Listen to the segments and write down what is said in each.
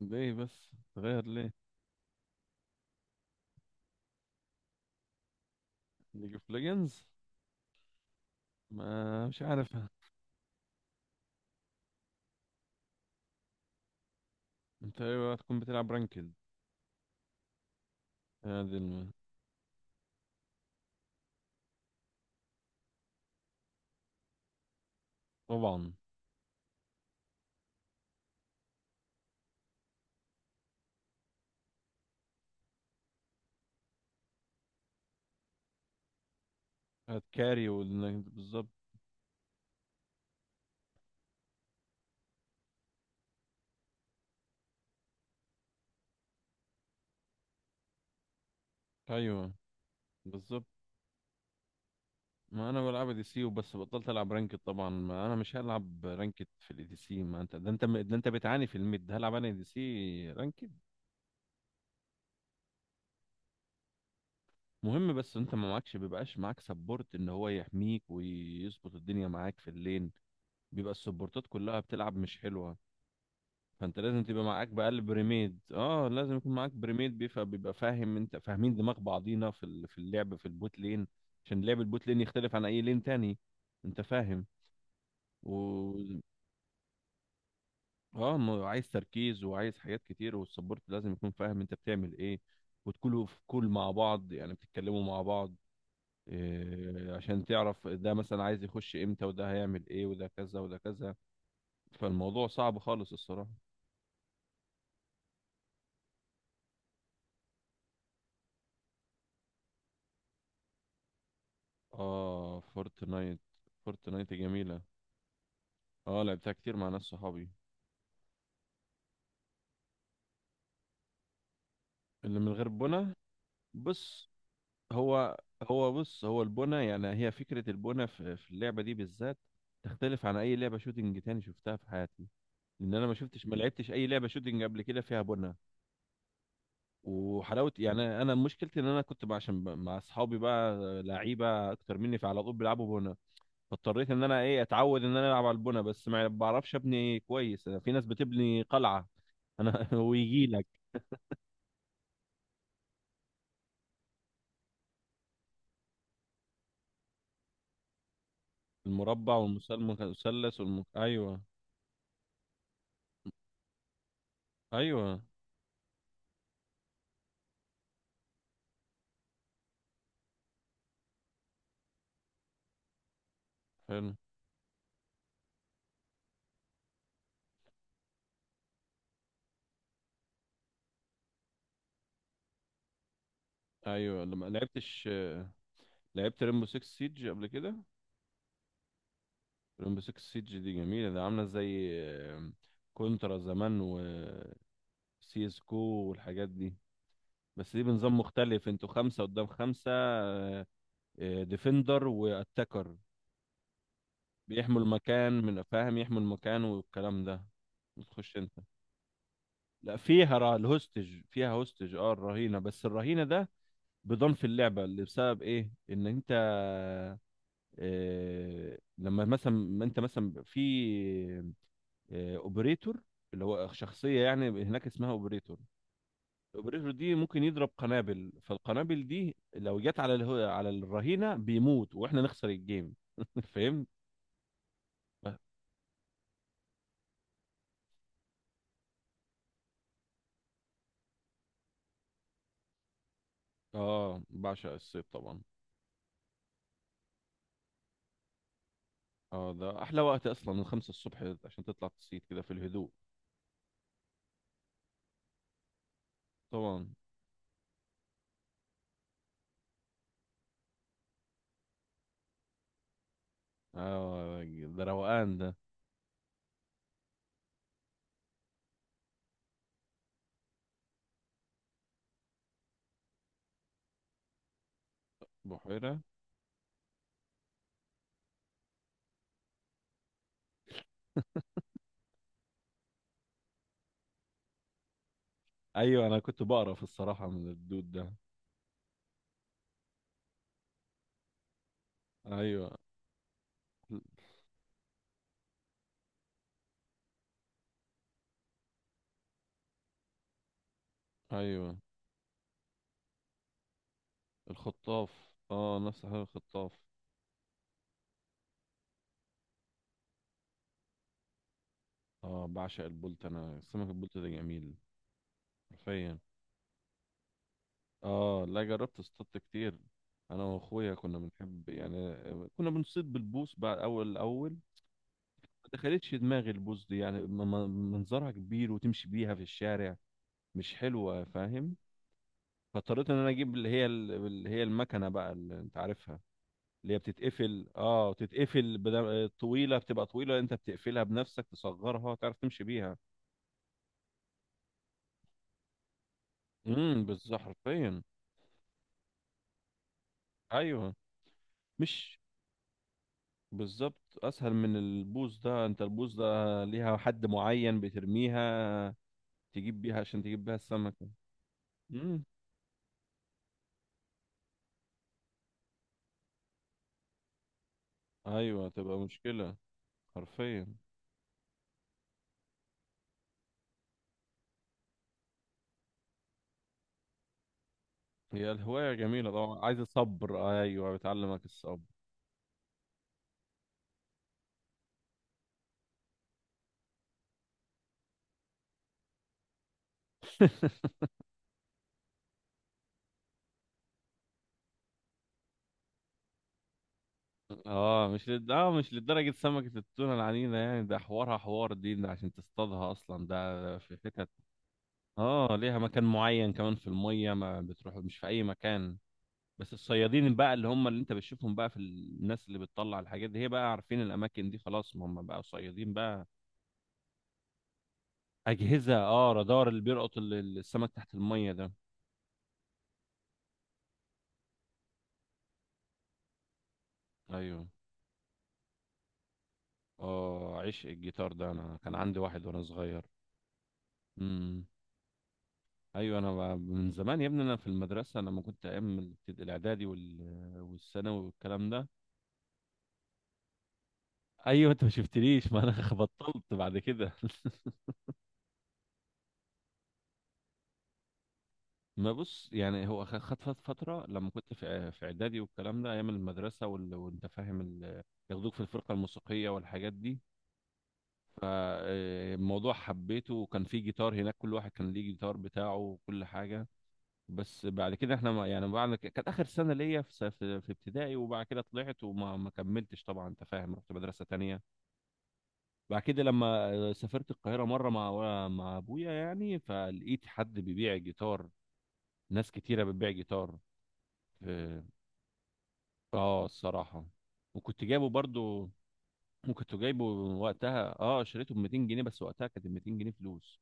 ليه بس تغير ليه؟ ليج اوف ليجندز، ما مش عارفها. انت ايوه، هتكون بتلعب رانكد؟ هذه الم... طبعا. هتكاري وإنك- بالظبط. ايوه بالظبط. ما انا بلعب دي سي وبس، بطلت العب رانكد طبعا. ما انا مش هلعب رانكد في الاي دي سي. ما انت ده، انت ده، انت بتعاني في الميد، هلعب انا دي سي رانكد؟ مهم، بس انت ما معكش، بيبقاش معاك سبورت ان هو يحميك ويظبط الدنيا معاك في اللين. بيبقى السبورتات كلها بتلعب مش حلوة. فانت لازم تبقى معاك بقى بريميد، اه لازم يكون معاك بريميد بيفهم، بيبقى فاهم انت، فاهمين دماغ بعضينا في ال- في اللعب في البوت لين. عشان لعب البوت لين يختلف عن اي لين تاني، انت فاهم؟ و اه ما هو عايز تركيز وعايز حاجات كتير، والسبورت لازم يكون فاهم انت بتعمل ايه، وتكونوا في كول مع بعض، يعني بتتكلموا مع بعض، إيه، عشان تعرف ده مثلا عايز يخش امتى، وده هيعمل ايه، وده كذا وده كذا. فالموضوع صعب خالص الصراحة. اه فورتنايت، فورتنايت جميلة. اه لعبتها كتير مع ناس صحابي. اللي من غير بنا؟ بص، هو هو بص، هو البنا، يعني هي فكرة البنا في اللعبة دي بالذات تختلف عن أي لعبة شوتينج تاني شفتها في حياتي. لأن أنا ما شفتش، ما لعبتش أي لعبة شوتينج قبل كده فيها بنا. وحلاوة يعني، أنا مشكلتي إن أنا كنت بقى عشان ب- مع أصحابي بقى لعيبة أكتر مني، فعلى طول بيلعبوا بنا. فاضطريت إن أنا إيه، أتعود إن أنا ألعب على البنا، بس ما بعرفش أبني كويس. أنا في ناس بتبني قلعة، أنا ويجيلك. المربع والمثال- والمثلث والم... ايوه. ايوه. حلو. ايوه لما لعبتش؟ لعبت ريمبو 6 سيج قبل كده؟ ريمبو 6 سيج دي جميله، ده عامله زي كونترا زمان، و سي اس كو والحاجات دي. بس دي بنظام مختلف، انتوا خمسه قدام خمسه، ديفندر واتاكر، بيحموا المكان من، فاهم، يحموا المكان والكلام ده. بتخش انت، لا فيها را... الهوستج، فيها هوستج، اه الرهينه. بس الرهينه ده بضم في اللعبه، اللي بسبب ايه، ان انت آه، لما مثلا ما انت مثلا في آه اوبريتور، اللي هو شخصيه يعني هناك اسمها اوبريتور. الاوبريتور دي ممكن يضرب قنابل، فالقنابل دي لو جت على الهو... على الرهينه بيموت واحنا نخسر الجيم فهمت. اه بعشق الصيد طبعا. اه ده احلى وقت اصلا، من خمسة الصبح عشان تطلع تصيد كده في الهدوء. طبعا. اه ده روقان ده. بحيرة. ايوه، انا كنت بقرف الصراحه من الدود ده. ايوه. ايوه الخطاف، اه نفس حاجه الخطاف. اه بعشق البولت، انا سمك البولت ده جميل. حرفيا. اه لا، جربت اصطاد كتير. انا واخويا كنا بنحب يعني، كنا بنصيد بالبوص بعد اول الاول. ما دخلتش دماغي البوص دي، يعني منظرها كبير وتمشي بيها في الشارع، مش حلوه، فاهم؟ فاضطريت ان انا اجيب اللي هي ال- اللي هي المكنه بقى، اللي انت عارفها. اللي هي بتتقفل، اه تتقفل بدا... طويله، بتبقى طويله انت بتقفلها بنفسك، تصغرها تعرف تمشي بيها. بالظبط حرفيا. ايوه مش، بالظبط اسهل من البوز ده، انت البوز ده ليها حد معين بترميها، تجيب بيها عشان تجيب بيها السمكه. امم ايوه تبقى مشكله. حرفيا. هي الهوايه جميله طبعا، عايزه صبر، ايوه بتعلمك الصبر. اه مش لد... اه مش لدرجة سمكة التونة العنينة، يعني ده حوارها حوار دي، ده عشان تصطادها اصلا ده في حتت. اه ليها مكان معين كمان في المية، ما بتروح مش في اي مكان. بس الصيادين بقى، اللي هم اللي انت بتشوفهم بقى في ال- الناس اللي بتطلع الحاجات دي، هي بقى عارفين الاماكن دي خلاص، ما هم بقى صيادين بقى. اجهزة، اه رادار، اللي بيلقط السمك تحت المية ده. ايوه. اه عشق الجيتار ده، انا كان عندي واحد وانا صغير. امم ايوه انا ب- من زمان يا ابني، انا في المدرسه انا ما كنت ايام الابتد- الاعدادي وال... والثانوي والكلام ده. ايوه انت ما شفتنيش، ما انا بطلت بعد كده ما بص، يعني هو خ- خد فت- فتره لما كنت في إع- في اعدادي والكلام ده، ايام المدرسه وال... وانت فاهم ال... ياخدوك في الفرقه الموسيقيه والحاجات دي. فالموضوع حبيته، وكان في جيتار هناك، كل واحد كان ليه جيتار بتاعه وكل حاجه. بس بعد كده احنا ما يعني، بعد ك- كانت اخر سنه ليا في س- في ابتدائي، وبعد كده طلعت وما ما كملتش طبعا، انت فاهم، رحت مدرسه تانية. بعد كده لما آه، سافرت القاهره مره مع مع ابويا يعني، فلقيت حد بيبيع جيتار، ناس كتيره بتبيع جيتار. ف- اه الصراحه، وكنت جايبه برضو، وكنت جايبه وقتها. اه شريته ب 200 جنيه بس، وقتها كانت ال 200 جنيه فلوس.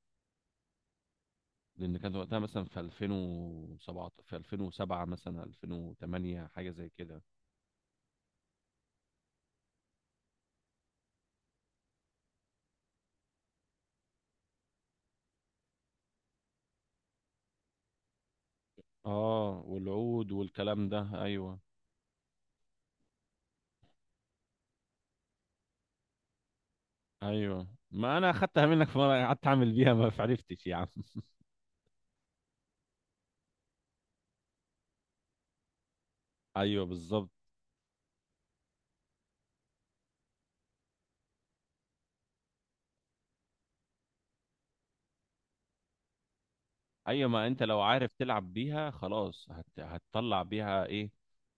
لان كان وقتها مثلا في 2007، في 2007 مثلا 2008 حاجه زي كده. اه والعود والكلام ده. ايوه ايوه، ما انا اخدتها منك في مره، قعدت اعمل بيها ما عرفتش يا عم. ايوه بالظبط. ايوه ما انت لو عارف تلعب بيها خلاص هت... هتطلع بيها ايه،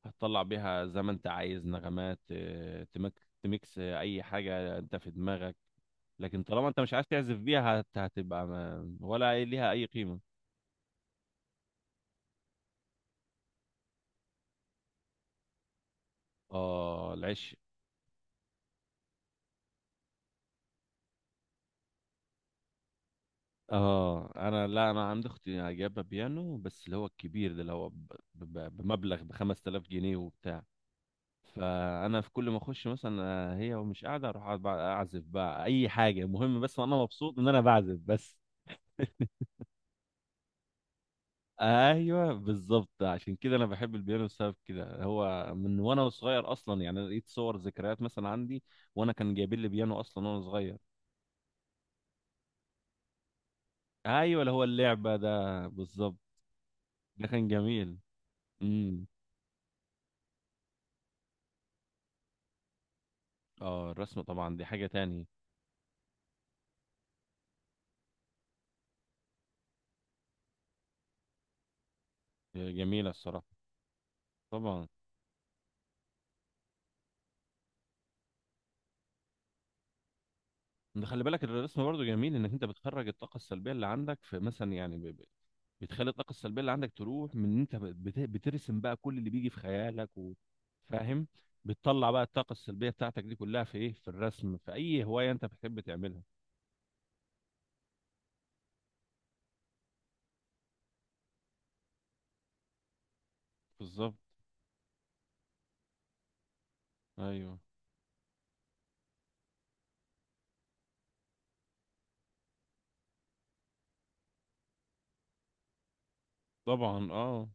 هتطلع بيها زي ما انت عايز نغمات آه، تمك... تميكس آه، اي حاجه انت في دماغك. لكن طالما انت مش عارف تعزف بيها هت... هتبقى ما... ولا أي- ليها اي قيمه. اه العش. اه انا لا، انا عندي اختي جايبه بيانو بس، اللي هو الكبير ده، اللي هو بمبلغ ب 5000 جنيه وبتاع. فانا في كل ما اخش مثلا آه، هي ومش قاعده، اروح أقعد بقى اعزف بقى اي حاجه، المهم بس انا مبسوط ان انا بعزف بس. ايوه بالظبط، عشان كده انا بحب البيانو بسبب كده، هو من وانا صغير اصلا، يعني لقيت صور ذكريات مثلا عندي، وانا كان جايبين لي بيانو اصلا وانا صغير. ايوه اللي هو اللعبه ده بالظبط. ده كان جميل. امم اه الرسم طبعا دي حاجه تاني. جميلة الصراحة. طبعا. انت خلي بالك الرسم برضه جميل، انك انت بتخرج الطاقة السلبية اللي عندك في مثلا يعني ب- ب- بتخلي الطاقة السلبية اللي عندك تروح من ان انت بت- بترسم بقى كل اللي بيجي في خيالك و- فاهم؟ بتطلع بقى الطاقة السلبية بتاعتك دي كلها في ايه، في الرسم، في اي هواية انت بتحب تعملها. بالظبط. ايوه طبعا. اه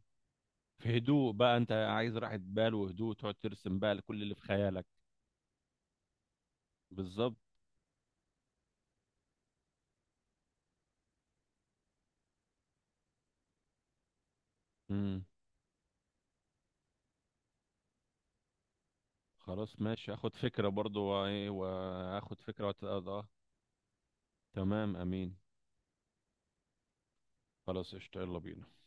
في هدوء بقى، انت عايز راحة بال وهدوء، تقعد ترسم بقى كل اللي في خيالك. بالظبط. امم خلاص ماشي، اخد فكرة برضو، وايه واخد فكرة. تمام امين. خلاص قشطة، يلا بينا.